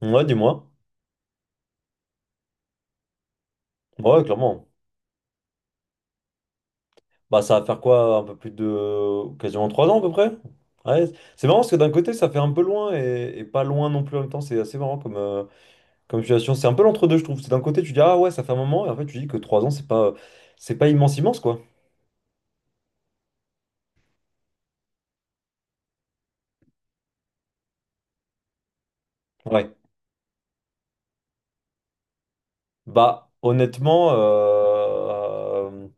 Ouais, dis-moi. Ouais, clairement. Bah, ça va faire quoi? Un peu plus de... Quasiment 3 ans à peu près? Ouais. C'est marrant parce que d'un côté, ça fait un peu loin et pas loin non plus en même temps. C'est assez marrant comme situation. C'est un peu l'entre-deux, je trouve. C'est d'un côté, tu dis, ah ouais, ça fait un moment. Et en fait, tu dis que 3 ans, c'est pas immense, immense, quoi. Ouais. Bah, honnêtement,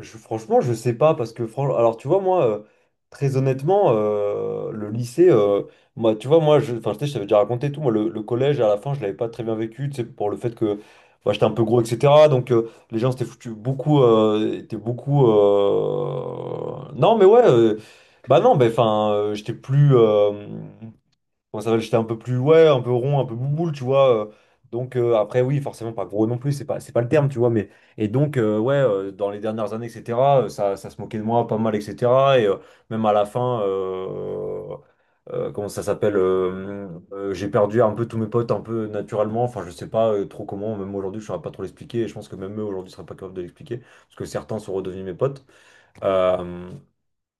franchement, je sais pas parce que, franchement, alors tu vois, moi, très honnêtement, le lycée, moi, tu vois, enfin, je sais, je t'avais déjà raconté tout, moi, le collège, à la fin, je l'avais pas très bien vécu, tu sais, pour le fait que moi, j'étais un peu gros, etc. Donc, les gens s'étaient foutus beaucoup, étaient beaucoup. Non, mais ouais, bah non, bah, enfin, j'étais plus. Comment ça s'appelle? J'étais un peu plus, ouais, un peu rond, un peu bouboule, tu vois. Après, oui, forcément, pas gros non plus, c'est pas le terme, tu vois. Dans les dernières années, etc., ça se moquait de moi pas mal, etc. Et même à la fin, comment ça s'appelle? J'ai perdu un peu tous mes potes, un peu naturellement. Enfin, je sais pas trop comment, même aujourd'hui, je saurais pas trop l'expliquer. Et je pense que même eux, aujourd'hui, seraient pas capables de l'expliquer. Parce que certains sont redevenus mes potes. Euh,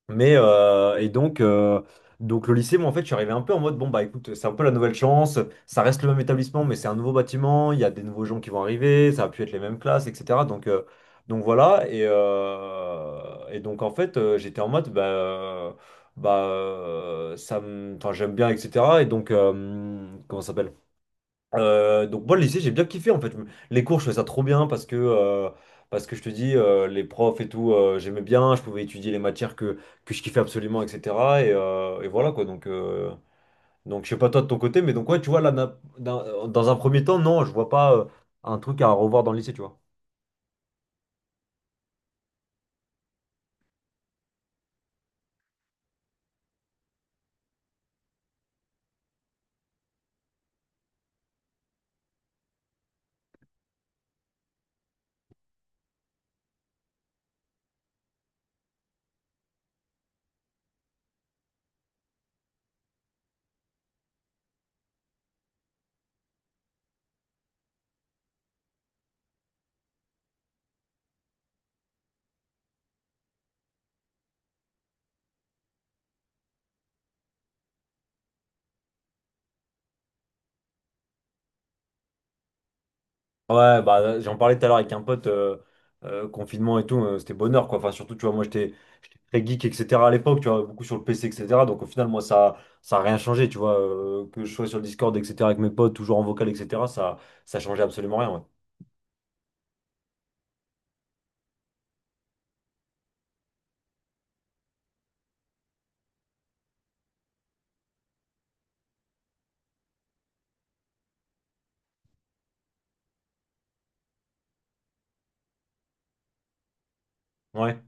mais euh, et donc, euh, donc le lycée, moi en fait, je suis arrivé un peu en mode bon bah écoute, c'est un peu la nouvelle chance. Ça reste le même établissement, mais c'est un nouveau bâtiment. Il y a des nouveaux gens qui vont arriver. Ça va plus être les mêmes classes, etc. Donc voilà. Et donc en fait, j'étais en mode enfin j'aime bien, etc. Et donc comment ça s'appelle? Donc moi le lycée j'ai bien kiffé en fait. Les cours je faisais ça trop bien parce que je te dis les profs et tout j'aimais bien, je pouvais étudier les matières que je kiffais absolument etc. Et voilà quoi donc je sais pas toi de ton côté, mais donc ouais tu vois là dans un premier temps non je vois pas un truc à revoir dans le lycée tu vois. Ouais, bah, j'en parlais tout à l'heure avec un pote, confinement et tout, c'était bonheur, quoi. Enfin, surtout, tu vois, moi, j'étais très geek, etc. à l'époque, tu vois, beaucoup sur le PC, etc. Donc, au final, moi, ça a rien changé, tu vois, que je sois sur le Discord, etc., avec mes potes, toujours en vocal, etc., ça changeait absolument rien, ouais. Ouais,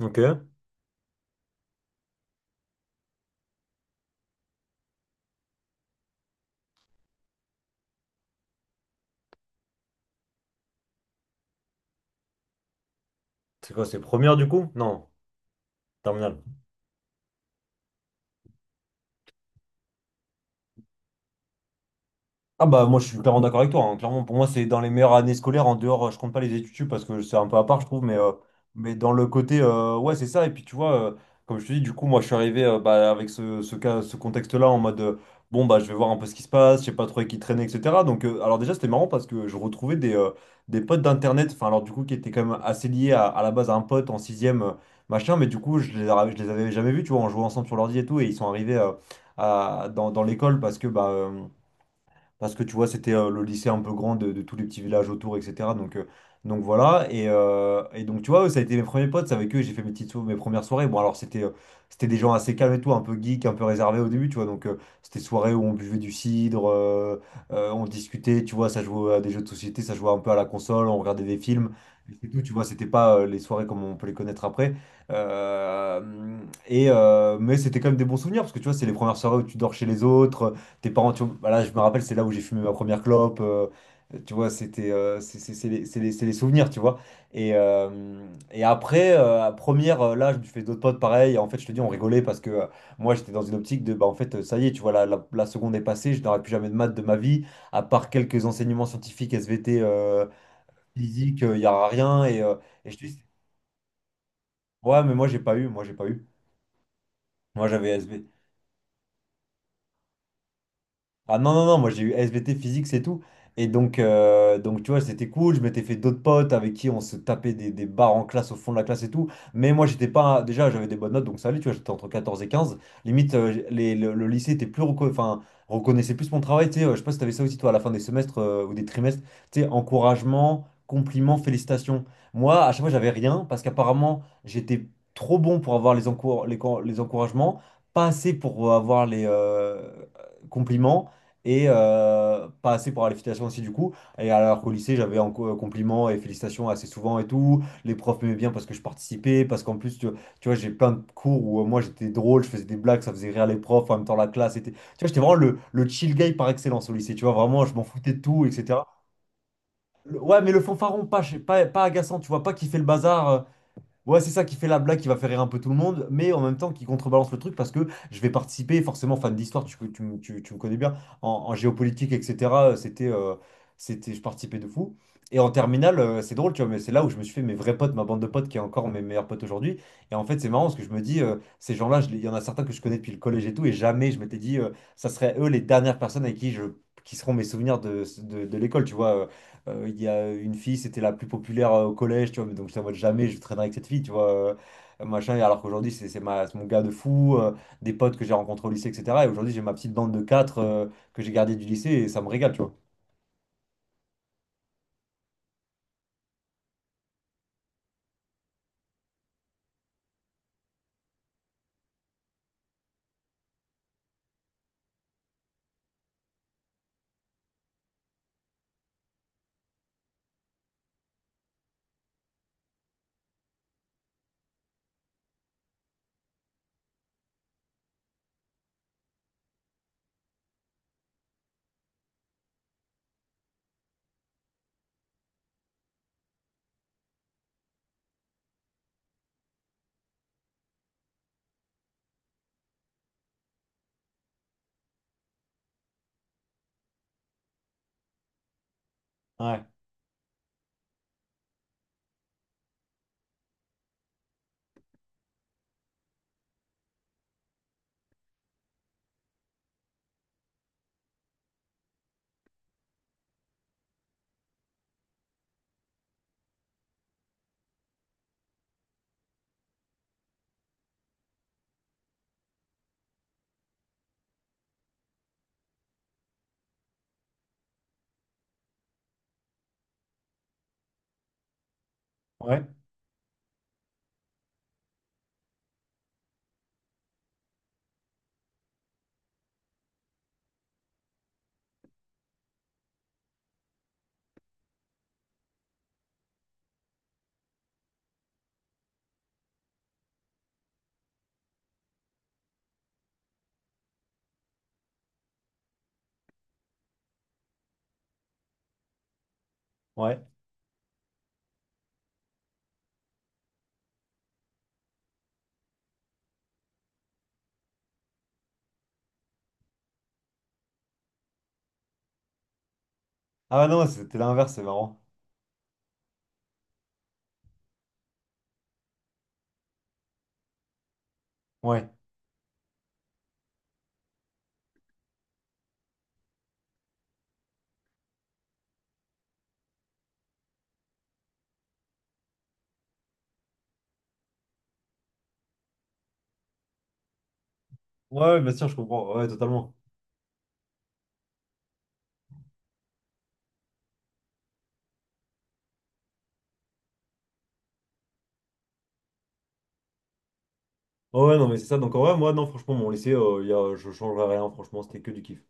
ok. C'est quoi, c'est première, du coup? Non, terminale. Ah bah moi je suis clairement d'accord avec toi, hein. Clairement pour moi c'est dans les meilleures années scolaires, en dehors je compte pas les études sup parce que c'est un peu à part je trouve, mais dans le côté ouais c'est ça et puis tu vois comme je te dis du coup moi je suis arrivé bah, avec ce contexte-là en mode bon bah je vais voir un peu ce qui se passe, je sais pas trop avec qui traîner etc. Donc alors déjà c'était marrant parce que je retrouvais des potes d'internet, enfin alors du coup qui étaient quand même assez liés à la base à un pote en sixième machin mais du coup je les avais jamais vus tu vois on jouait ensemble sur l'ordi et tout et ils sont arrivés dans l'école parce que bah parce que tu vois, c'était le lycée un peu grand de tous les petits villages autour, etc. Donc voilà. Et donc, tu vois, eux, ça a été mes premiers potes, c'est avec eux, j'ai fait mes premières soirées. Bon, alors, c'était des gens assez calmes et tout, un peu geek, un peu réservés au début, tu vois. Donc, c'était soirées où on buvait du cidre, on discutait, tu vois, ça jouait à des jeux de société, ça jouait un peu à la console, on regardait des films, et c'est tout, tu vois, c'était pas les soirées comme on peut les connaître après. Euh, mais c'était quand même des bons souvenirs parce que tu vois, c'est les premières soirées où tu dors chez les autres, tes parents, tu vois, bah là je me rappelle, c'est là où j'ai fumé ma première clope. Tu vois, c'était, c'est les, c'est les- c'est les souvenirs, tu vois. Et, euh, et après, à première, là, je me suis fait d'autres potes pareil. Et en fait, je te dis, on rigolait parce que moi, j'étais dans une optique de, bah, en fait, ça y est, tu vois, la seconde est passée, je n'aurai plus jamais de maths de ma vie, à part quelques enseignements scientifiques, SVT, physique, il n'y aura rien. Et je te dis, ouais, mais moi, j'ai pas eu, moi, j'ai pas eu. Moi, j'avais Ah non, non, non, moi j'ai eu SVT physique, c'est tout. Et donc tu vois, c'était cool. Je m'étais fait d'autres potes avec qui on se tapait des barres en classe, au fond de la classe et tout. Mais moi, j'étais pas. Déjà, j'avais des bonnes notes, donc ça allait, tu vois, j'étais entre 14 et 15. Limite, le lycée était plus enfin, reconnaissait plus mon travail. Tu sais, je sais pas si t'avais ça aussi, toi, à la fin des semestres ou des trimestres. Tu sais, encouragement, compliments, félicitations. Moi, à chaque fois, j'avais rien parce qu'apparemment, j'étais trop bon pour avoir les encouragements, pas assez pour avoir les compliments et pas assez pour la félicitation aussi du coup. Et alors qu'au lycée, j'avais en compliments et félicitations assez souvent et tout. Les profs m'aimaient bien parce que je participais, parce qu'en plus, tu vois, j'ai plein de cours où moi j'étais drôle, je faisais des blagues, ça faisait rire les profs, en même temps la classe était. Tu vois, j'étais vraiment le chill guy par excellence au lycée, tu vois, vraiment, je m'en foutais de tout, etc. Ouais, mais le fanfaron, pas agaçant, tu vois, pas qui fait le bazar, ouais, c'est ça qui fait la blague, qui va faire rire un peu tout le monde, mais en même temps qui contrebalance le truc parce que je vais participer, forcément fan d'histoire, tu me connais bien, en géopolitique, etc. Je participais de fou. Et en terminale, c'est drôle, tu vois, mais c'est là où je me suis fait mes vrais potes, ma bande de potes qui est encore mes meilleurs potes aujourd'hui. Et en fait, c'est marrant parce que je me dis, ces gens-là, il y en a certains que je connais depuis le collège et tout, et jamais je m'étais dit, ça serait eux les dernières personnes avec qui qui seront mes souvenirs de l'école, tu vois. Il y a une fille, c'était la plus populaire au collège, tu vois, mais donc je ne jamais je traînerai avec cette fille, tu vois, machin, et alors qu'aujourd'hui, c'est mon gars de fou, des potes que j'ai rencontrés au lycée, etc. Et aujourd'hui, j'ai ma petite bande de quatre que j'ai gardée du lycée, et ça me régale, tu vois. Ouais, ouais, ouais. Ah non, c'était l'inverse, c'est marrant. Ouais. Ouais, ouais, bien sûr, je comprends, ouais, totalement. Ouais, ouais, non, mais c'est ça, donc en vrai, moi, non, franchement, mon lycée, je changerais rien, franchement, c'était que du kiff.